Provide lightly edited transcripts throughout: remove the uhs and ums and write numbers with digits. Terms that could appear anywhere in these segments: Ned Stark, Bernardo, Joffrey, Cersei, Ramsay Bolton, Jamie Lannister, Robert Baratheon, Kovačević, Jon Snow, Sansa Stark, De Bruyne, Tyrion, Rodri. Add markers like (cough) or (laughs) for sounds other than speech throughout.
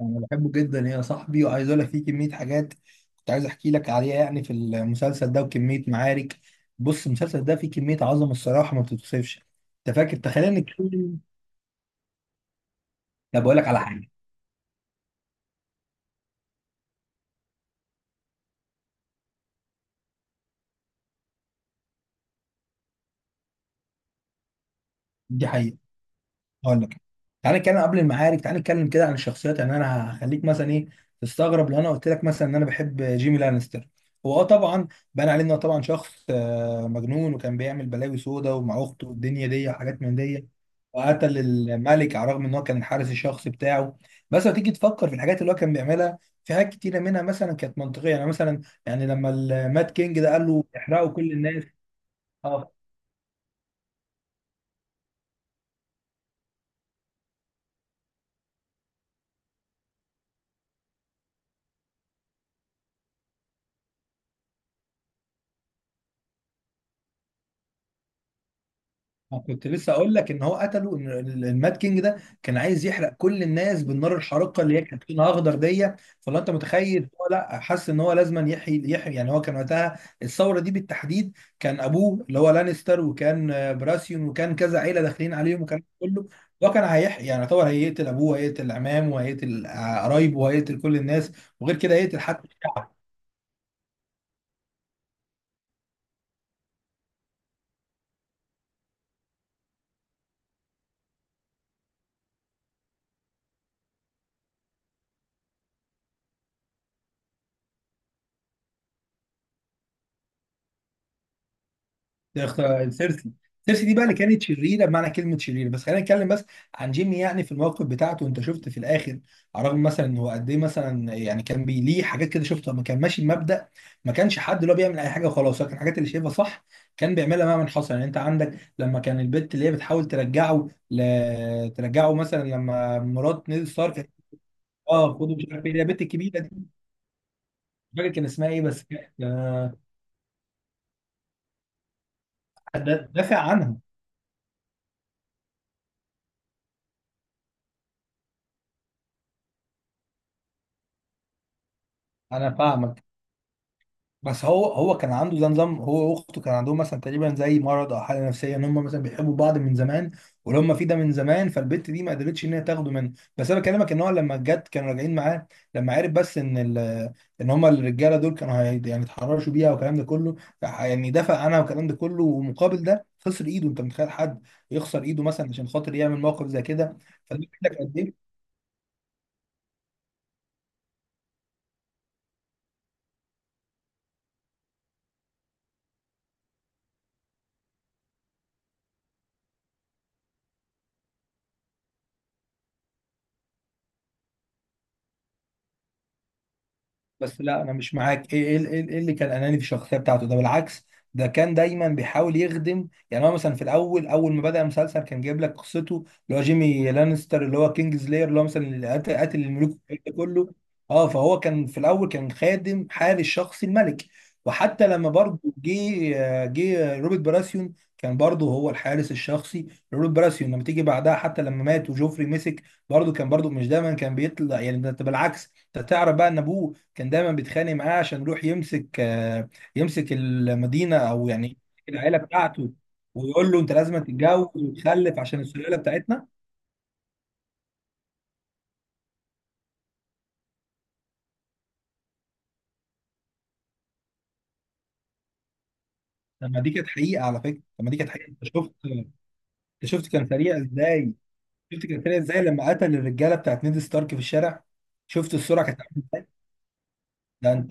انا بحبه جدا يا صاحبي، وعايز اقول لك فيه كميه حاجات كنت عايز احكي لك عليها يعني في المسلسل ده وكميه معارك. بص، المسلسل ده فيه كميه عظمه الصراحه ما بتتوصفش. انت فاكر، تخيل ان كل (laughs) طب بقول لك على حاجه. دي حقيقه. هقول لك. تعالى نتكلم قبل المعارك، تعالى نتكلم كده عن الشخصيات. يعني انا هخليك مثلا ايه تستغرب لو انا قلت لك مثلا ان انا بحب جيمي لانستر. هو اه طبعا بان عليه انه طبعا شخص مجنون، وكان بيعمل بلاوي سودا ومع اخته والدنيا دي وحاجات من دي، وقتل الملك على الرغم ان هو كان الحارس الشخصي بتاعه. بس لو تيجي تفكر في الحاجات اللي هو كان بيعملها، في حاجات كتيره منها مثلا كانت منطقيه. يعني مثلا، يعني لما المات كينج ده قال له احرقوا كل الناس. آه. أنا كنت لسه اقول لك ان هو قتله، ان المات كينج ده كان عايز يحرق كل الناس بالنار الحارقه اللي هي كانت لونها اخضر دي. فلو انت متخيل، هو لا، حس ان هو لازما يحيي يحيي. يعني هو كان وقتها الثوره دي بالتحديد كان ابوه اللي هو لانستر، وكان براسيون، وكان كذا عيله داخلين عليهم، وكان كله هو كان هيحيي. يعني طبعا هيقتل ابوه، وهيقتل عمامه، وهيقتل قرايبه، وهيقتل كل الناس، وغير كده هيقتل حتى الشعب. سيرسي. سيرسي دي بقى اللي كانت شريره، بمعنى كلمه شريره. بس خلينا نتكلم بس عن جيمي. يعني في الموقف بتاعته، انت شفت في الاخر، على الرغم مثلا ان هو قد ايه، مثلا يعني كان ليه حاجات كده شفتها، ما كان ماشي بمبدأ. ما كانش حد اللي هو بيعمل اي حاجه وخلاص، لكن الحاجات اللي شايفها صح كان بيعملها مهما حصل. يعني انت عندك لما كان البت اللي هي بتحاول ترجعه مثلا لما مرات نيد ستارك. اه خدوا، مش عارف ايه اللي هي البت الكبيره دي، مش فاكر كان اسمها ايه، بس كانت آه، دافع عنها. انا فاهمك. بس هو كان عنده ده نظام، هو واخته كان عندهم مثلا تقريبا زي مرض او حاله نفسيه، ان هم مثلا بيحبوا بعض من زمان. واللي هم فيه ده من زمان، فالبنت دي ما قدرتش ان هي تاخده منه. بس انا بكلمك ان هو لما جت كانوا راجعين معاه، لما عرف بس ان ان هم الرجاله دول كانوا يعني اتحرشوا بيها والكلام ده كله، راح يعني دفع عنها والكلام ده كله، ومقابل ده خسر ايده. انت متخيل حد يخسر ايده مثلا عشان خاطر يعمل موقف زي كده؟ فده بيقول لك قد ايه. بس لا، انا مش معاك. ايه ايه ايه إيه اللي كان اناني في الشخصيه بتاعته؟ ده بالعكس، ده كان دايما بيحاول يخدم. يعني هو مثلا في الاول، اول ما بدا المسلسل كان جايب لك قصته اللي هو جيمي لانستر، اللي هو كينجز لاير، اللي هو مثلا اللي قاتل قاتل الملوك والكلام ده كله. اه فهو كان في الاول كان خادم حارس شخصي الملك. وحتى لما برضه جه جه روبرت براسيون، كان برضه هو الحارس الشخصي لروبرت براسيون. لما تيجي بعدها، حتى لما مات وجوفري مسك، برضه كان برضه مش دايما كان بيطلع. يعني ده بالعكس، انت تعرف بقى ان ابوه كان دايما بيتخانق معاه عشان يروح يمسك يمسك المدينه، او يعني العائله بتاعته، ويقول له انت لازم تتجوز وتخلف عشان السلاله بتاعتنا. طب ما دي كانت حقيقه على فكره. طب ما دي كانت حقيقه. انت شفت، انت شفت كان سريع ازاي. شفت كان سريع ازاي لما قتل الرجاله بتاعت نيد ستارك في الشارع. شفت السرعه كانت عاملة إزاي؟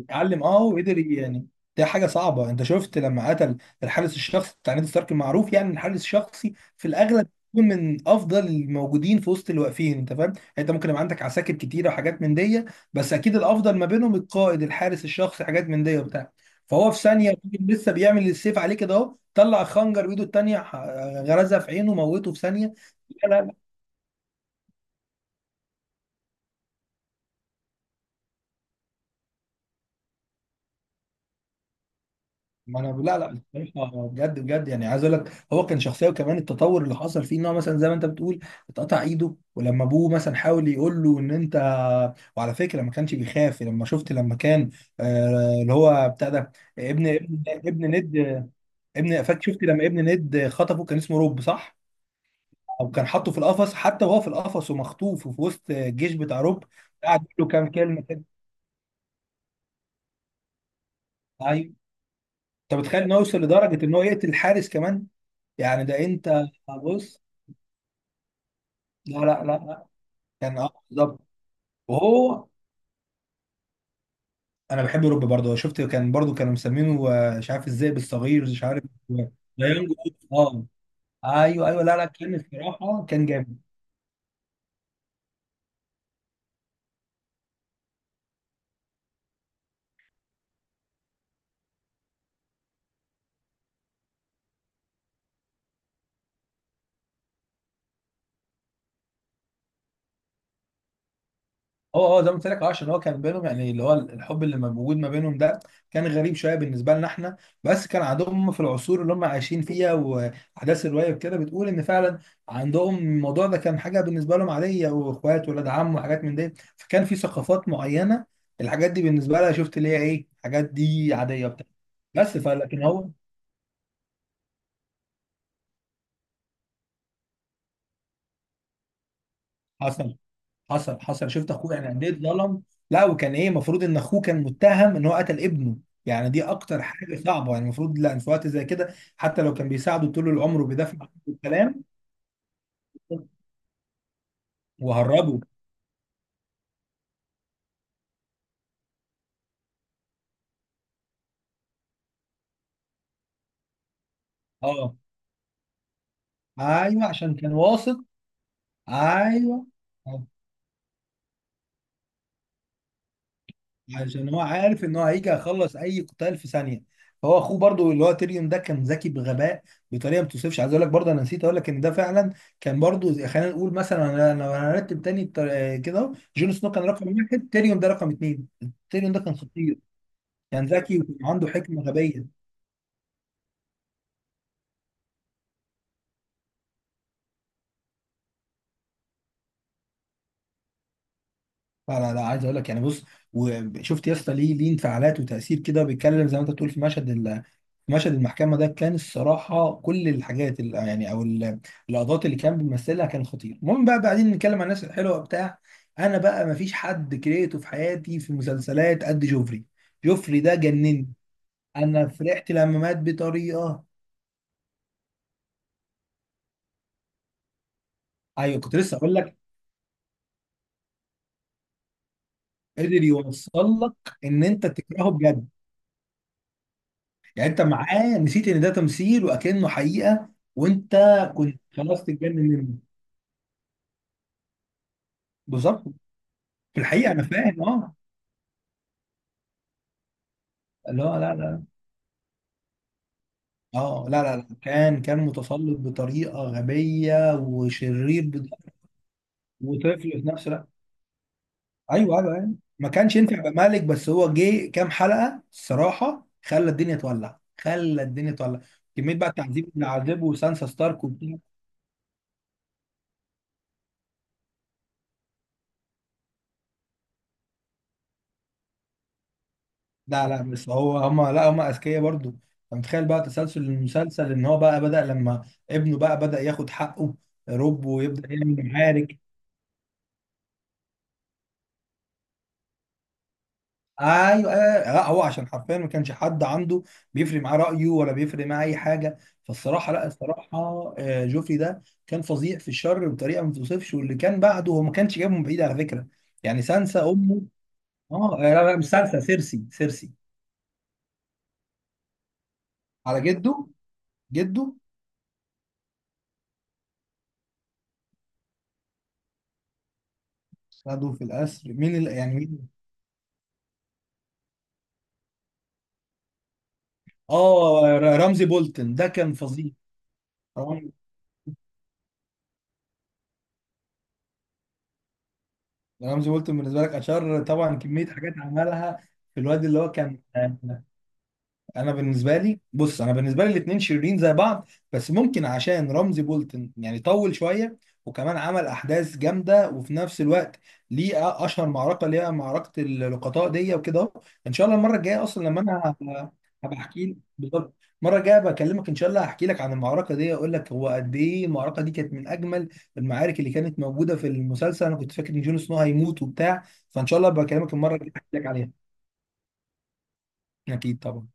اتعلم اه وقدر يعني، ده حاجه صعبه. انت شفت لما قتل الحارس الشخصي بتاع نادي ستارك المعروف. يعني إن الحارس الشخصي في الاغلب بيكون من افضل الموجودين، في وسط الواقفين. انت فاهم يعني انت ممكن يبقى عندك عساكر كتيره وحاجات من دي، بس اكيد الافضل ما بينهم القائد، الحارس الشخصي، حاجات من دي وبتاع. فهو في ثانيه يكون لسه بيعمل السيف عليه كده، اهو طلع خنجر بايده التانيه، غرزها في عينه، موته في ثانيه. ما انا لا، لا، بصراحه، بجد بجد، يعني عايز اقول لك هو كان شخصيه. وكمان التطور اللي حصل فيه، ان هو مثلا زي ما انت بتقول اتقطع ايده. ولما ابوه مثلا حاول يقول له ان انت، وعلى فكره ما كانش بيخاف. لما شفت لما كان اللي هو بتاع ده ابن ند، ابن فاكر. شفت لما ابن ند خطفه، كان اسمه روب، صح؟ او كان حاطه في القفص، حتى وهو في القفص ومخطوف وفي وسط الجيش بتاع روب، قعد يقول له كام كلمه كده. ايوه، انت متخيل انه يوصل لدرجه ان هو يقتل الحارس كمان؟ يعني ده انت، بص، لا، لا، لا، لا، كان اه بالظبط. وهو انا بحب اوروبا برضه. شفت كان برضه كانوا مسمينه مش عارف الذئب الصغير، مش عارف آه، لا، ينجو. اه ايوه، ايوه، لا، لا، كان الصراحه كان جامد. اه اه زي ما قلت لك، اه عشان هو كان بينهم، يعني اللي هو الحب اللي موجود ما بينهم ده كان غريب شويه بالنسبه لنا احنا. بس كان عندهم في العصور اللي هم عايشين فيها، واحداث الروايه وكده بتقول ان فعلا عندهم الموضوع ده كان حاجه بالنسبه لهم عاديه، واخوات، ولاد عم، وحاجات من دي. فكان في ثقافات معينه، الحاجات دي بالنسبه لها شفت اللي هي ايه، الحاجات دي عاديه وبتاع. بس فلكن هو حصل. حصل، حصل. شفت اخوه يعني قد ايه اتظلم. لا، وكان ايه، المفروض ان اخوه كان متهم ان هو قتل ابنه. يعني دي اكتر حاجه صعبه. يعني المفروض لا في وقت زي كده حتى لو كان بيساعده طول العمر وبيدافع عنه والكلام وهربه. اه ايوه، عشان كان واثق. ايوه، عشان هو عارف ان هو هيجي يخلص اي قتال في ثانيه. فهو اخوه برضو اللي هو تيريون ده كان ذكي بغباء، بطريقه ما توصفش. عايز اقول لك برضه انا نسيت اقول لك ان ده فعلا كان برضو خلينا نقول مثلا انا لو هنرتب تاني كده أهو، جون سنو كان رقم 1، تيريون ده رقم 2. تيريون ده كان خطير، كان ذكي وكان عنده حكمه غبيه. لا، لا، لا، عايز اقول لك، يعني بص. وشفت يا اسطى، ليه انفعالات وتاثير كده بيتكلم زي ما انت بتقول في في مشهد المحكمه ده، كان الصراحه كل يعني او اللقطات اللي كان بيمثلها كان خطير. المهم بقى بعدين نتكلم عن الناس الحلوه بتاع انا بقى ما فيش حد كرهته في حياتي في مسلسلات قد جوفري. جوفري ده جنني. انا فرحت لما مات بطريقه. ايوه، كنت لسه اقول لك، قدر يوصل لك ان انت تكرهه بجد. يعني انت معاه نسيت ان ده تمثيل وكأنه حقيقة. وانت كنت خلاص تتجنن منه، بالظبط. في الحقيقة انا فاهم. اه اللي هو لا، لا. اه لا لا، لا، كان متسلط بطريقة غبية وشرير وطفل في نفس الوقت. ايوه، ايوه، ايوه. ما كانش ينفع يبقى مالك، بس هو جه كام حلقة الصراحة خلى الدنيا تولع، خلى الدنيا تولع. كمية بقى التعذيب اللي عذبه سانسا ستارك. لا، لا، بس هو، هما، لا، هما اذكياء برضو. انت متخيل بقى تسلسل المسلسل ان هو بقى بدأ لما ابنه بقى بدأ ياخد حقه رب ويبدأ يعمل معارك. ايوه، ايوه، لا هو عشان حرفيا ما كانش حد عنده بيفرق معاه رأيه، ولا بيفرق معاه اي حاجه. فالصراحه، لا الصراحه جوفري ده كان فظيع في الشر بطريقه ما توصفش. واللي كان بعده هو ما كانش جايبه من بعيد على فكره. يعني سانسا امه. اه لا، لا، مش سانسا، سيرسي. سيرسي على جده. جده خدوا في القصر. مين اللي يعني مين؟ اه رمزي بولتن ده كان فظيع. رمزي. رمزي بولتن بالنسبه لك اشار طبعا، كميه حاجات عملها. في الواد اللي هو كان، انا بالنسبه لي بص، انا بالنسبه لي الاثنين شريرين زي بعض، بس ممكن عشان رمزي بولتن يعني طول شويه وكمان عمل احداث جامده. وفي نفس الوقت ليه اشهر معركه اللي هي معركه اللقطاء دي وكده أهو. ان شاء الله المره الجايه اصلا لما انا هبقى، هبقى احكي لك بالظبط. المره الجايه بكلمك ان شاء الله هحكي لك عن المعركه دي، اقول لك هو قد ايه المعركه دي كانت من اجمل المعارك اللي كانت موجوده في المسلسل. انا كنت فاكر ان جون سنو هيموت وبتاع. فان شاء الله بكلمك المره الجايه احكي لك عليها. اكيد طبعا.